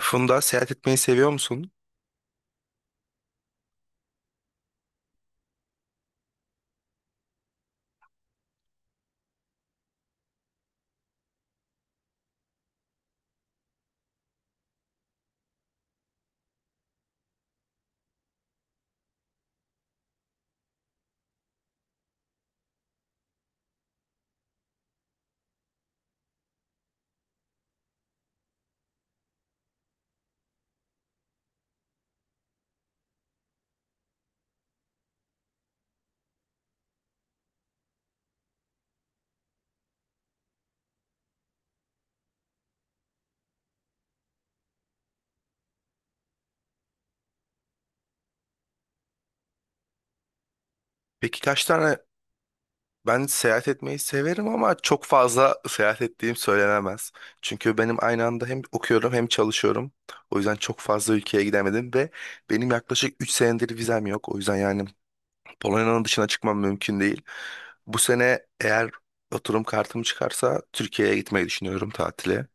Funda seyahat etmeyi seviyor musun? Peki kaç tane? Ben seyahat etmeyi severim ama çok fazla seyahat ettiğim söylenemez. Çünkü benim aynı anda hem okuyorum hem çalışıyorum. O yüzden çok fazla ülkeye gidemedim ve benim yaklaşık 3 senedir vizem yok. O yüzden yani Polonya'nın dışına çıkmam mümkün değil. Bu sene eğer oturum kartım çıkarsa Türkiye'ye gitmeyi düşünüyorum tatile.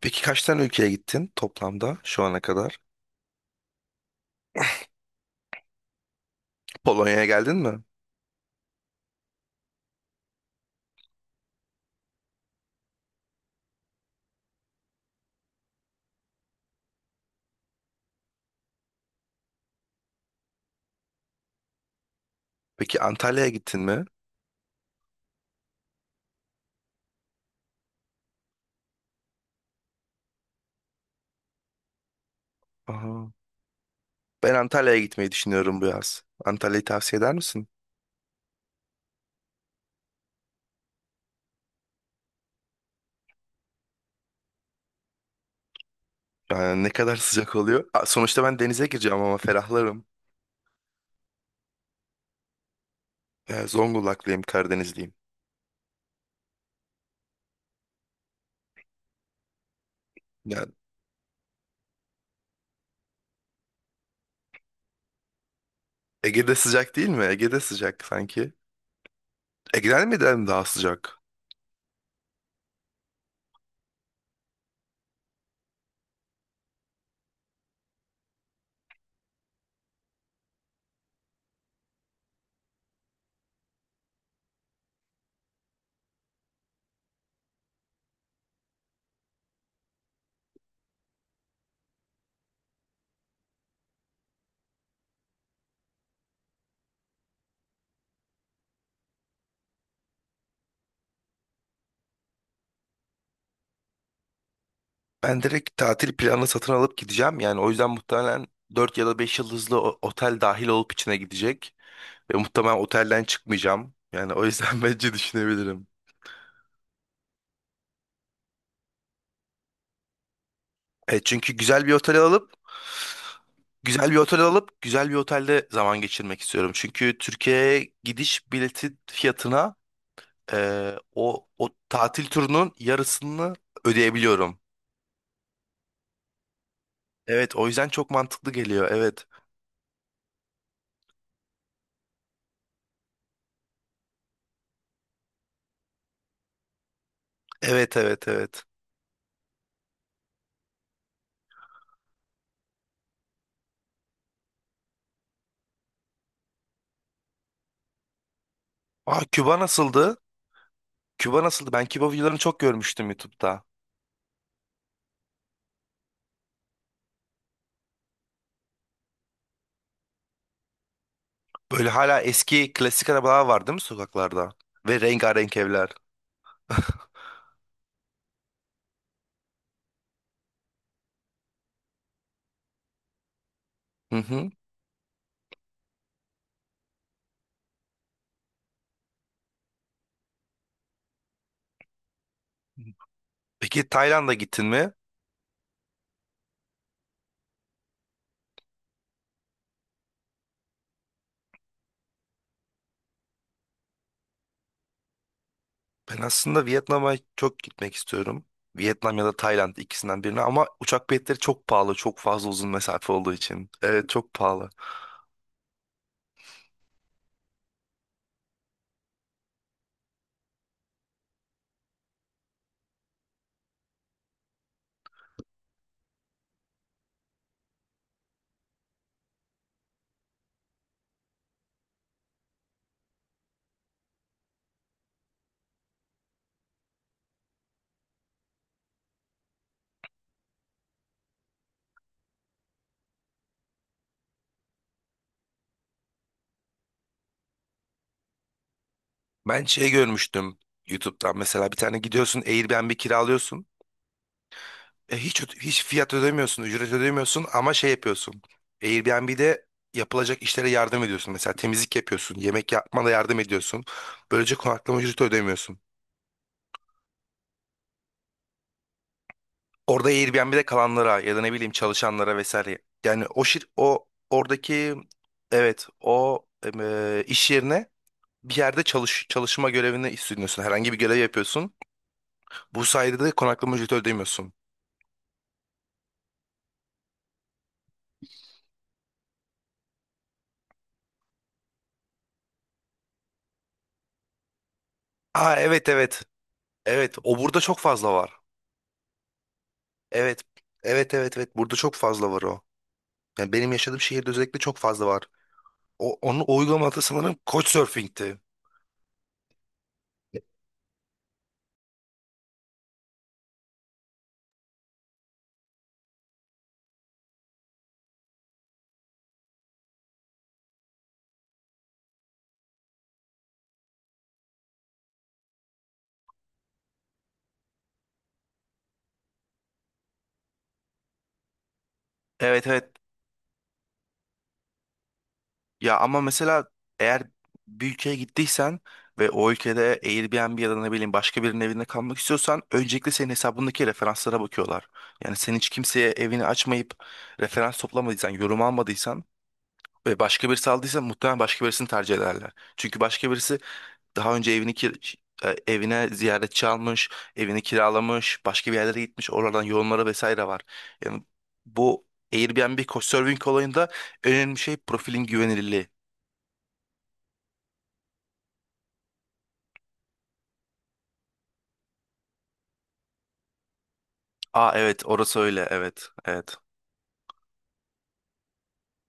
Peki kaç tane ülkeye gittin toplamda şu ana kadar? Polonya'ya geldin mi? Peki Antalya'ya gittin mi? Aha. Ben Antalya'ya gitmeyi düşünüyorum bu yaz. Antalya'yı tavsiye eder misin? Yani ne kadar sıcak oluyor. Aa, sonuçta ben denize gireceğim ama ferahlarım. Yani Zonguldaklıyım, Karadenizliyim. Yani Ege'de sıcak değil mi? Ege'de sıcak sanki. Ege'den mi dedim daha sıcak? Ben direkt tatil planını satın alıp gideceğim. Yani o yüzden muhtemelen 4 ya da 5 yıldızlı otel dahil olup içine gidecek. Ve muhtemelen otelden çıkmayacağım. Yani o yüzden bence düşünebilirim. Evet çünkü güzel bir otel alıp güzel bir otelde zaman geçirmek istiyorum. Çünkü Türkiye'ye gidiş bileti fiyatına o tatil turunun yarısını ödeyebiliyorum. Evet o yüzden çok mantıklı geliyor. Evet. Evet evet evet. Aa, Küba nasıldı? Küba nasıldı? Ben Küba videolarını çok görmüştüm YouTube'da. Böyle hala eski klasik arabalar var değil mi sokaklarda? Ve rengarenk evler. Hı hı. Peki Tayland'a gittin mi? Ben aslında Vietnam'a çok gitmek istiyorum. Vietnam ya da Tayland ikisinden birine ama uçak biletleri çok pahalı. Çok fazla uzun mesafe olduğu için. Evet çok pahalı. Ben şey görmüştüm YouTube'dan mesela bir tane gidiyorsun Airbnb kiralıyorsun. E, hiç fiyat ödemiyorsun, ücret ödemiyorsun ama şey yapıyorsun. Airbnb'de yapılacak işlere yardım ediyorsun. Mesela temizlik yapıyorsun, yemek yapmana yardım ediyorsun. Böylece konaklama ücreti ödemiyorsun. Orada Airbnb'de kalanlara ya da ne bileyim çalışanlara vesaire. Yani o oradaki evet o iş yerine bir yerde çalışma görevini üstleniyorsun. Herhangi bir görev yapıyorsun. Bu sayede de konaklama ücreti ödemiyorsun. Aa, evet evet. Evet o burada çok fazla var. Evet. Evet evet evet burada çok fazla var o. Yani benim yaşadığım şehirde özellikle çok fazla var. Onun uygulaması sanırım Couchsurfing'ti. Evet evet. Ya ama mesela eğer bir ülkeye gittiysen ve o ülkede Airbnb ya da ne bileyim başka birinin evinde kalmak istiyorsan öncelikle senin hesabındaki referanslara bakıyorlar. Yani sen hiç kimseye evini açmayıp referans toplamadıysan, yorum almadıysan ve başka birisi aldıysa muhtemelen başka birisini tercih ederler. Çünkü başka birisi daha önce evine ziyaretçi almış, evini kiralamış, başka bir yerlere gitmiş, oralardan yorumları vesaire var. Yani bu Airbnb Couchsurfing olayında önemli şey profilin güvenilirliği. Aa, evet orası öyle evet evet.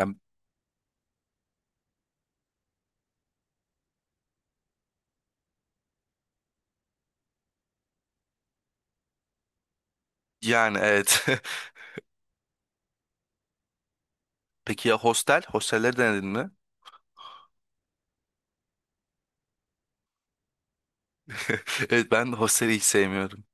Yani, yani evet. Peki ya hostel? Hostelleri denedin mi? Evet ben hosteli hiç sevmiyorum.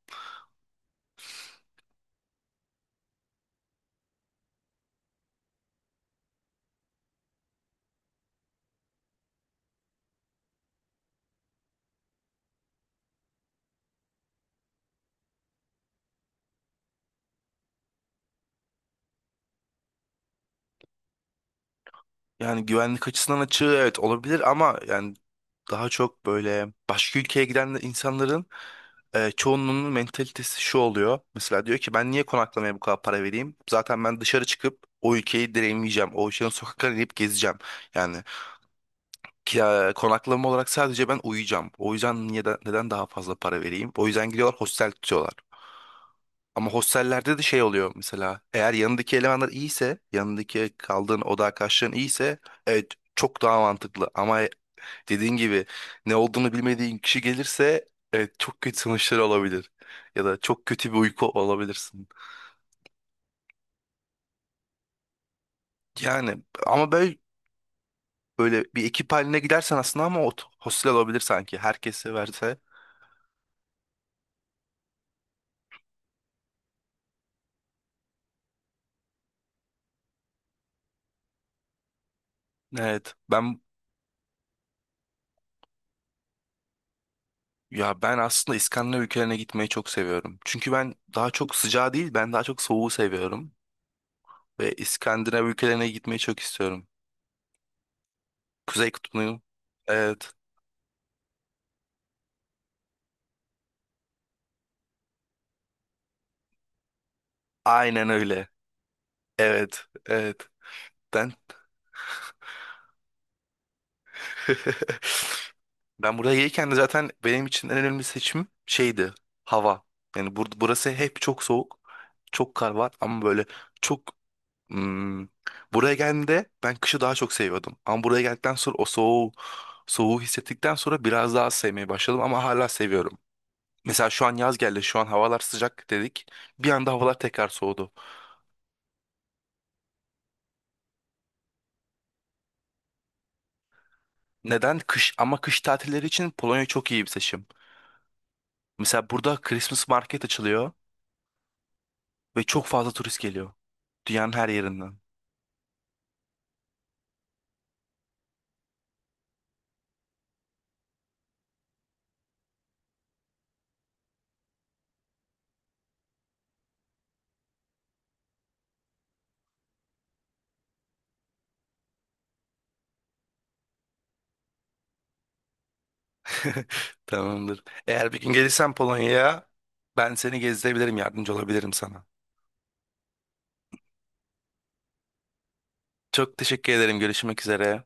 Yani güvenlik açısından açığı evet olabilir ama yani daha çok böyle başka ülkeye giden de insanların çoğunluğunun mentalitesi şu oluyor. Mesela diyor ki ben niye konaklamaya bu kadar para vereyim? Zaten ben dışarı çıkıp o ülkeyi deneyimleyeceğim. O ülkenin sokaklarını inip gezeceğim. Yani konaklama olarak sadece ben uyuyacağım. O yüzden neden daha fazla para vereyim? O yüzden gidiyorlar hostel tutuyorlar. Ama hostellerde de şey oluyor mesela. Eğer yanındaki elemanlar iyiyse, yanındaki kaldığın oda arkadaşların iyiyse, evet çok daha mantıklı. Ama dediğin gibi ne olduğunu bilmediğin kişi gelirse evet çok kötü sonuçlar olabilir. Ya da çok kötü bir uyku olabilirsin. Yani ama böyle bir ekip haline gidersen aslında ama o hostel olabilir sanki. Herkese verse. Evet. Ya ben aslında İskandinav ülkelerine gitmeyi çok seviyorum. Çünkü ben daha çok sıcağı değil, ben daha çok soğuğu seviyorum. Ve İskandinav ülkelerine gitmeyi çok istiyorum. Kuzey Kutbu'nu. Evet. Aynen öyle. Evet. Evet. Ben... Ben buraya gelirken de zaten benim için en önemli seçim şeydi. Hava. Yani burası hep çok soğuk. Çok kar var ama böyle çok... hmm, buraya geldiğimde ben kışı daha çok seviyordum. Ama buraya geldikten sonra o soğuğu soğuğu hissettikten sonra biraz daha az sevmeye başladım ama hala seviyorum. Mesela şu an yaz geldi, şu an havalar sıcak dedik. Bir anda havalar tekrar soğudu. Neden? Kış ama kış tatilleri için Polonya çok iyi bir seçim. Mesela burada Christmas market açılıyor ve çok fazla turist geliyor. Dünyanın her yerinden. Tamamdır. Eğer bir gün gelirsen Polonya'ya ben seni gezdirebilirim, yardımcı olabilirim sana. Çok teşekkür ederim. Görüşmek üzere.